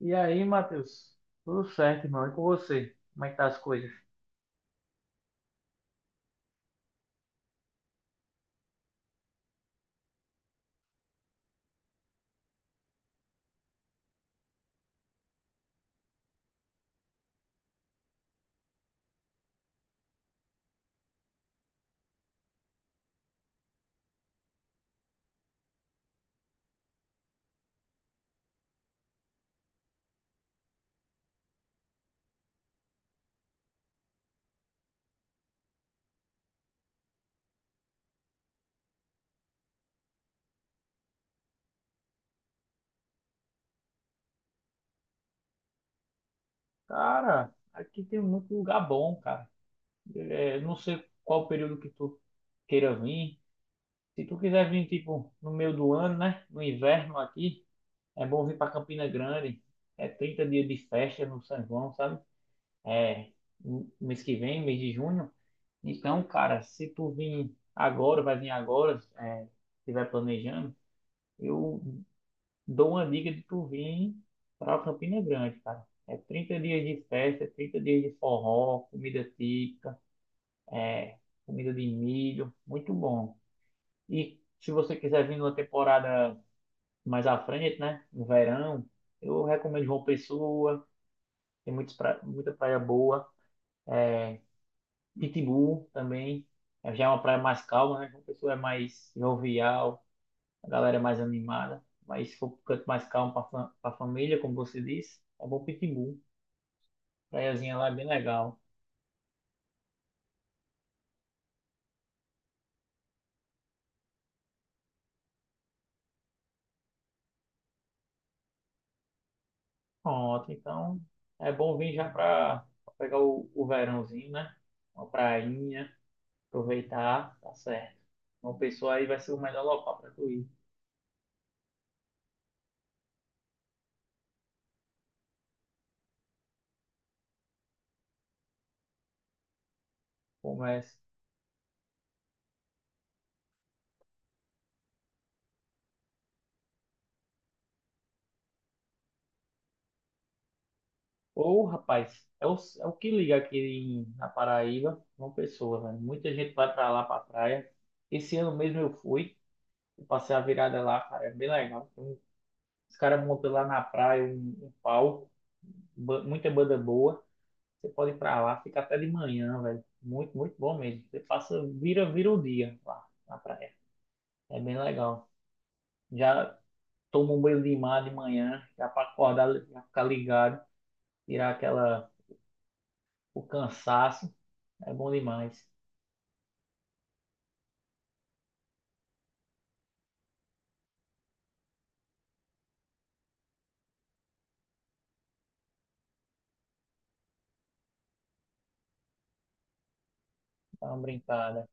E aí, Matheus? Tudo certo, irmão? E com você? Como é que tá as coisas? Cara, aqui tem muito lugar bom, cara. É, eu não sei qual período que tu queira vir. Se tu quiser vir, tipo, no meio do ano, né? No inverno aqui, é bom vir pra Campina Grande. É 30 dias de festa no São João, sabe? É no mês que vem, mês de junho. Então, cara, se tu vir agora, vai vir agora, se tiver planejando, eu dou uma dica de tu vir para Campina Grande, cara. É 30 dias de festa, é 30 dias de forró, comida típica, é, comida de milho, muito bom. E se você quiser vir numa temporada mais à frente, né, no verão, eu recomendo João Pessoa, tem muita praia boa, é, Pitbull também, já é uma praia mais calma, né, João Pessoa é mais jovial, a galera é mais animada, mas se for um canto mais calmo para a família, como você disse, é bom Pitbull. Praiazinha lá é bem legal. Pronto, então é bom vir já para pegar o verãozinho, né? Uma prainha, aproveitar, tá certo. Uma pessoa aí vai ser o melhor local para tu ir. Começa. Ô, rapaz, é o que liga aqui na Paraíba, uma pessoa, velho. Muita gente vai para lá, para praia. Esse ano mesmo eu fui, eu passei a virada lá, cara, é bem legal. Os caras montam lá na praia um palco, muita banda boa. Você pode ir pra lá, fica até de manhã, velho. Muito, muito bom mesmo. Você passa, vira o dia lá na praia. É bem legal. Já toma um banho de mar de manhã, já pra acordar, já ficar ligado, tirar aquela, o cansaço. É bom demais. Dá uma brincada.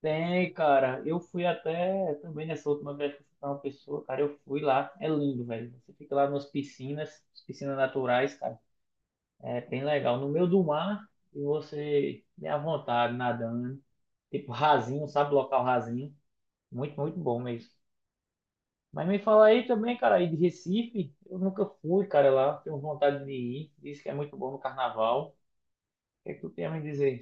Tem, cara. Eu fui até também nessa última vez que eu fui pra uma pessoa, cara. Eu fui lá. É lindo, velho. Você fica lá nas piscinas, piscinas naturais, cara. É bem legal. No meio do mar, e você é à vontade nadando. Tipo, rasinho, sabe? Local rasinho. Muito, muito bom mesmo. Mas me fala aí também, cara, aí de Recife. Eu nunca fui, cara, lá. Tenho vontade de ir. Diz que é muito bom no carnaval. O que é que tu tem a me dizer?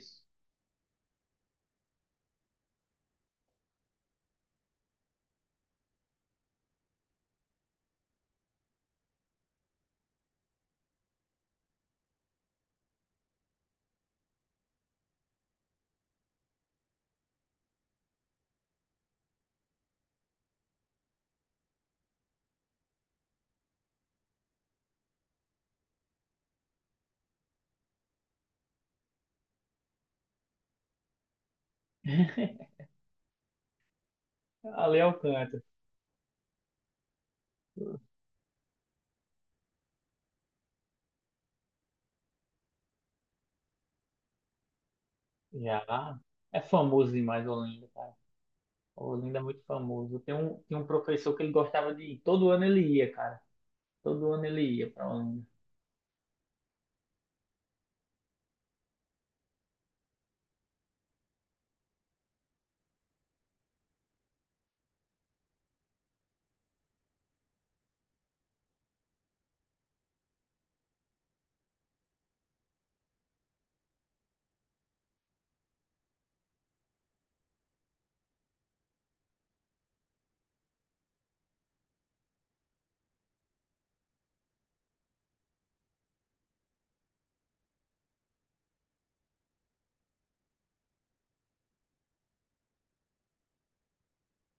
Ale Alcântara. Já. É famoso demais Olinda, cara. Olinda é muito famoso. Tem um professor que ele gostava de ir. Todo ano ele ia, cara. Todo ano ele ia pra Olinda.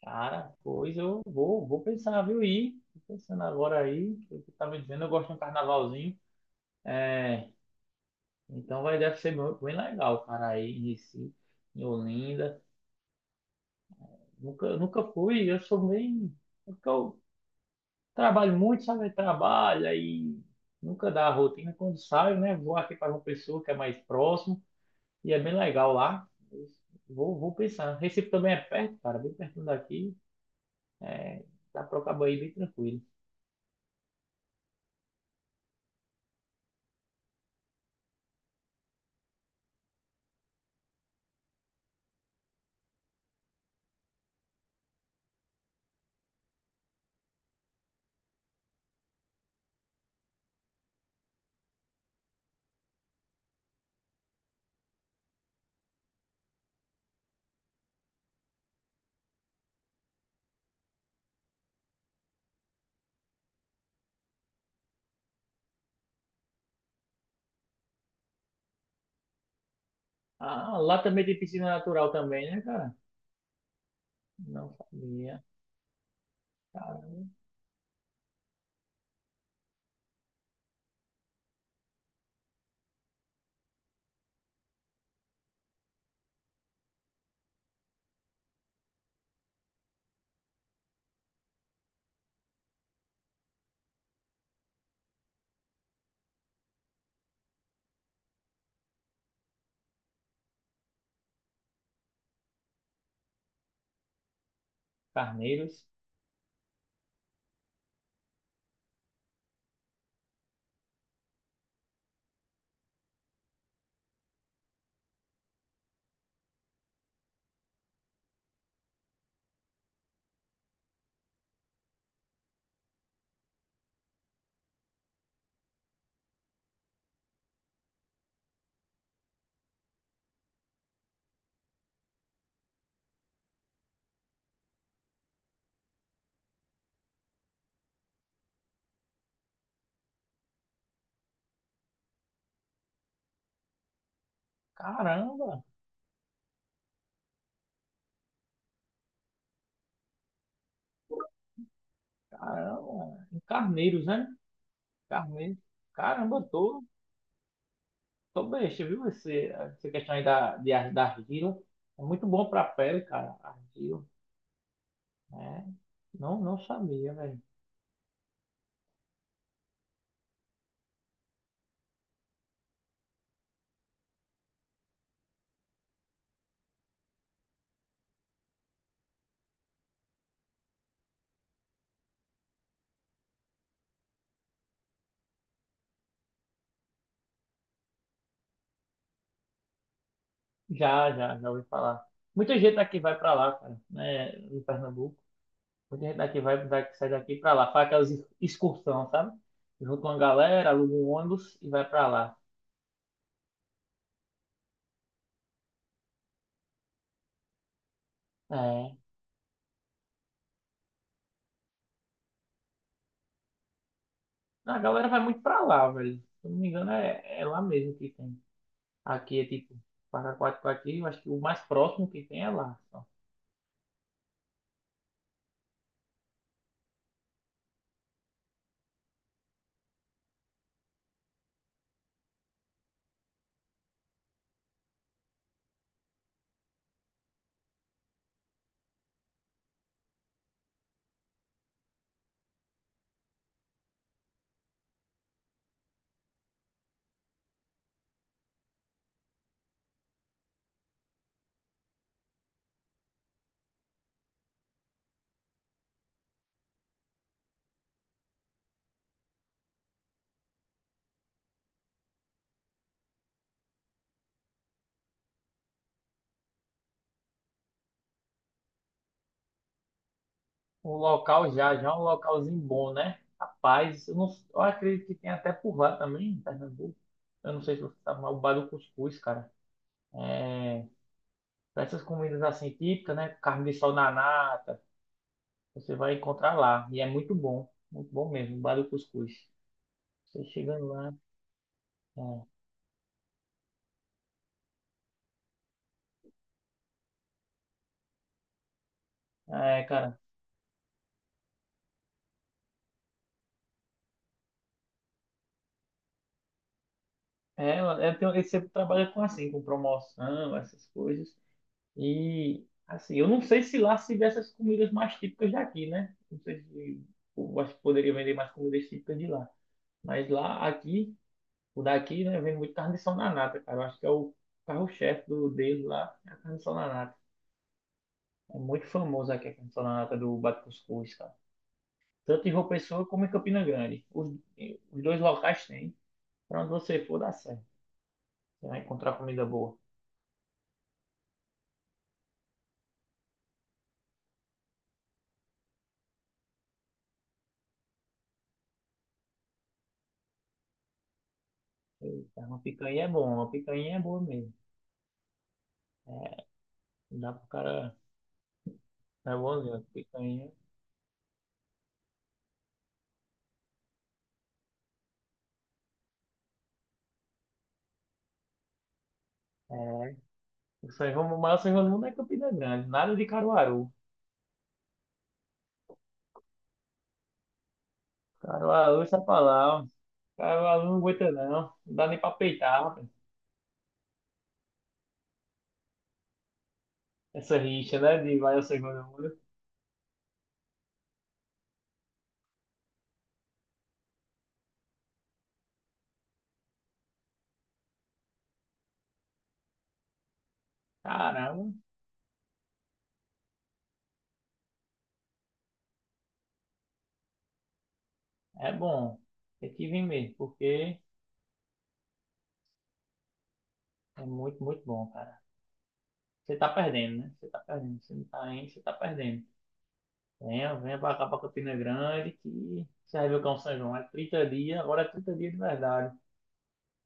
Cara, pois eu vou pensar, viu? Ir. Tô pensando agora aí. O que tu tá me dizendo? Eu gosto de um carnavalzinho. É, Então vai, deve ser bem bem legal, cara, aí em Recife, em Olinda. Nunca, nunca fui, eu sou meio. Porque eu trabalho muito, sabe? Eu trabalho, aí nunca dá a rotina. Quando saio, né? Vou aqui para uma pessoa que é mais próximo e é bem legal lá. Vou pensar. Recife também é perto, cara, bem perto daqui. É, Dá para acabar aí bem tranquilo. Ah, lá também tem piscina natural também, né, cara? Não sabia. Caramba. Carneiros. Caramba! Caramba, em Carneiros, né? Carneiros. Caramba, tô besta, viu? Essa questão aí da argila. É muito bom pra pele, cara, argila. Né? Não sabia, velho. Já ouvi falar. Muita gente daqui vai pra lá, cara, né? Em Pernambuco. Muita gente daqui vai, vai sai daqui pra lá. Faz aquelas excursão, sabe? Junta uma galera, aluga um ônibus e vai pra lá. É. A galera vai muito pra lá, velho. Se eu não me engano, é lá mesmo que tem. Aqui é tipo 4 x aqui, eu acho que o mais próximo que tem é lá. Só. Um local já é um localzinho bom, né? Rapaz, não, eu acredito que tem até por lá também, em Pernambuco. Eu não sei se você sabe, mas o bar do cuscuz, cara. É, Essas comidas assim típicas, né? Carne de sol na nata, você vai encontrar lá. E é muito bom mesmo, o bar do cuscuz. Você chegando lá. É, cara. Eu tenho, você trabalha com assim, com promoção, essas coisas. E assim, eu não sei se lá se vê essas comidas mais típicas daqui, né? Não sei se eu acho que poderia vender mais comidas típicas de lá. Mas lá, aqui, o daqui, né, vende muito carne de sol na nata, cara. Eu acho que é o carro-chefe do dele lá, é a carne de sol na nata. É muito famoso aqui a carne de sol na nata do Bate Cuscuz, cara. Tanto em João Pessoa como em Campina Grande. Os dois locais têm. Pra onde você for, dá certo. Você vai encontrar comida boa. Eita, uma picanha é bom, uma picanha é boa mesmo. É, Não dá pro cara. É bonzinho, picanha. É. O saivão, o maior saivão do mundo é Campina Grande. Nada de Caruaru. Caruaru, essa palavra. Caruaru não aguenta, não. Não dá nem pra peitar, rapaz. Essa rixa, né? De maior saivão do mundo. Caramba, é bom. Tem que vir mesmo, porque é muito, muito bom, cara. Você tá perdendo, né? Você tá perdendo. Você não tá indo, você tá perdendo. Venha, venha pra cá, pra Campina Grande, que você vai ver o que é um São João. É 30 dias, agora é 30 dias de verdade,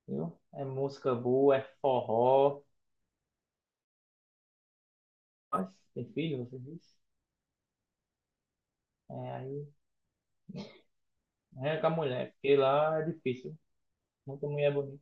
viu? É música boa, é forró. Mas tem filho, você disse? É, aí, é com a mulher, porque lá é difícil. Muita mulher bonita.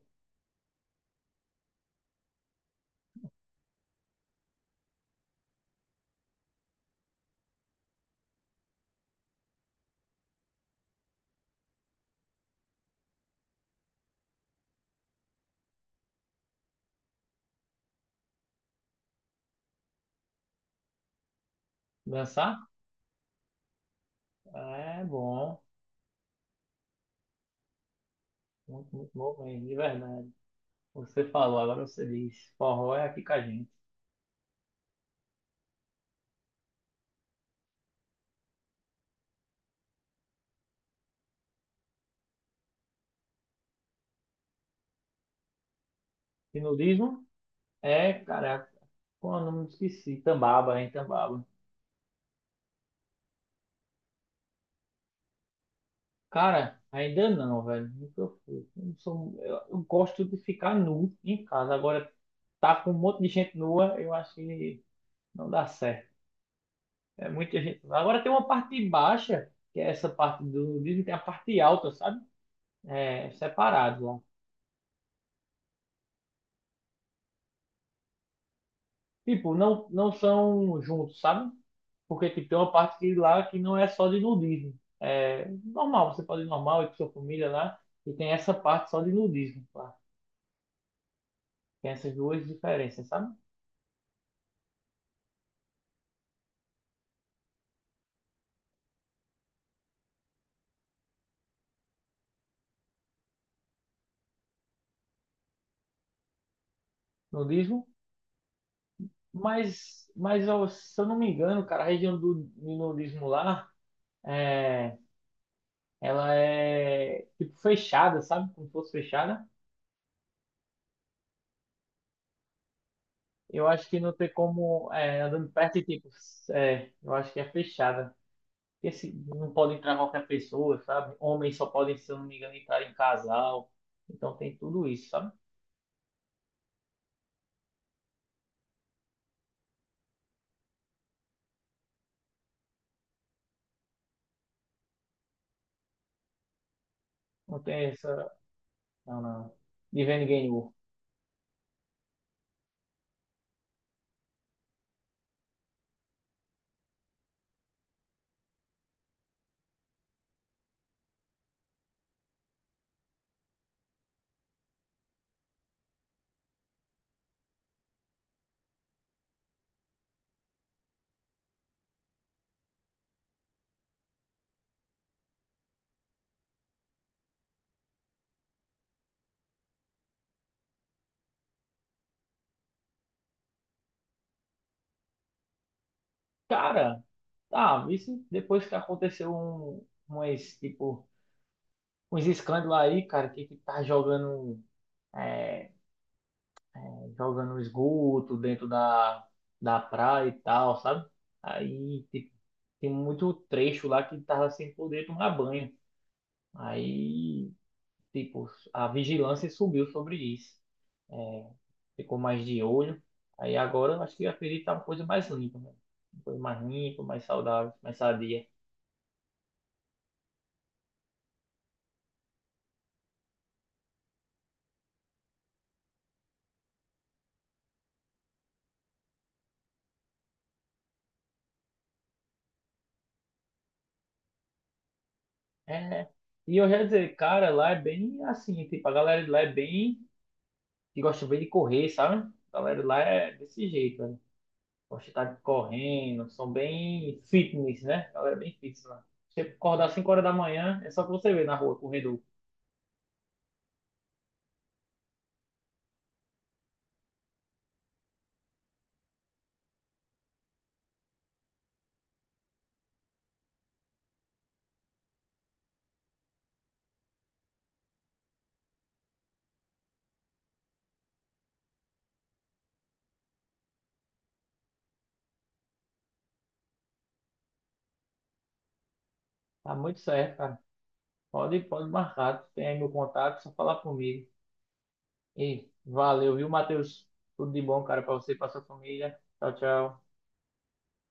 Dançar? É bom. Muito, muito bom mesmo, de verdade. Você falou, agora você diz. Forró é aqui com a gente. E nudismo? É, caraca. Pô, não me esqueci. Tambaba, hein, Tambaba. Cara, ainda não, velho. Nunca fui. Eu, não sou- eu gosto de ficar nu em casa. Agora, tá com um monte de gente nua, eu acho que não dá certo. É muita gente. Agora tem uma parte baixa, que é essa parte do nudismo, tem a parte alta, sabe? É, separado lá. Tipo, não, não são juntos, sabe? Porque tipo, tem uma parte que lá que não é só de nudismo. É normal, você pode ir normal, ir com sua família lá, e tem essa parte só de nudismo lá. Tem essas duas diferenças, sabe? Nudismo, mas ó, se eu não me engano, cara, a região do nudismo lá, é, ela é tipo fechada, sabe? Como se fosse fechada. Eu acho que não tem como, andando perto e tipo, eu acho que é fechada. Porque não pode entrar qualquer pessoa, sabe? Homens só podem, se eu não me engano, entrar em casal. Então tem tudo isso, sabe? Não tem essa. Não, não. De ver ninguém nu. Cara, tá, isso depois que aconteceu umas, tipo, uns escândalos aí, cara, que tá jogando. é, Jogando no esgoto dentro da praia e tal, sabe? Aí tipo, tem muito trecho lá que tava sem poder tomar banho. Aí, tipo, a vigilância subiu sobre isso. Ficou mais de olho. Aí agora eu acho que a ferida tá uma coisa mais limpa, né? Uma coisa mais limpa, mais saudável, mais sadia. É. E eu já dizer, cara, lá é bem assim, tipo, a galera de lá é bem que gosta bem de correr, sabe? A galera de lá é desse jeito, né? Gosto de estar correndo, são bem fitness, né? A galera é bem fitness lá. Se você acordar 5 horas da manhã, é só que você vê na rua, corredor. Tá muito certo, cara. Pode marcar, tem aí meu contato, só falar comigo. E valeu, viu, Matheus? Tudo de bom, cara, pra você e pra sua família. Tchau, tchau.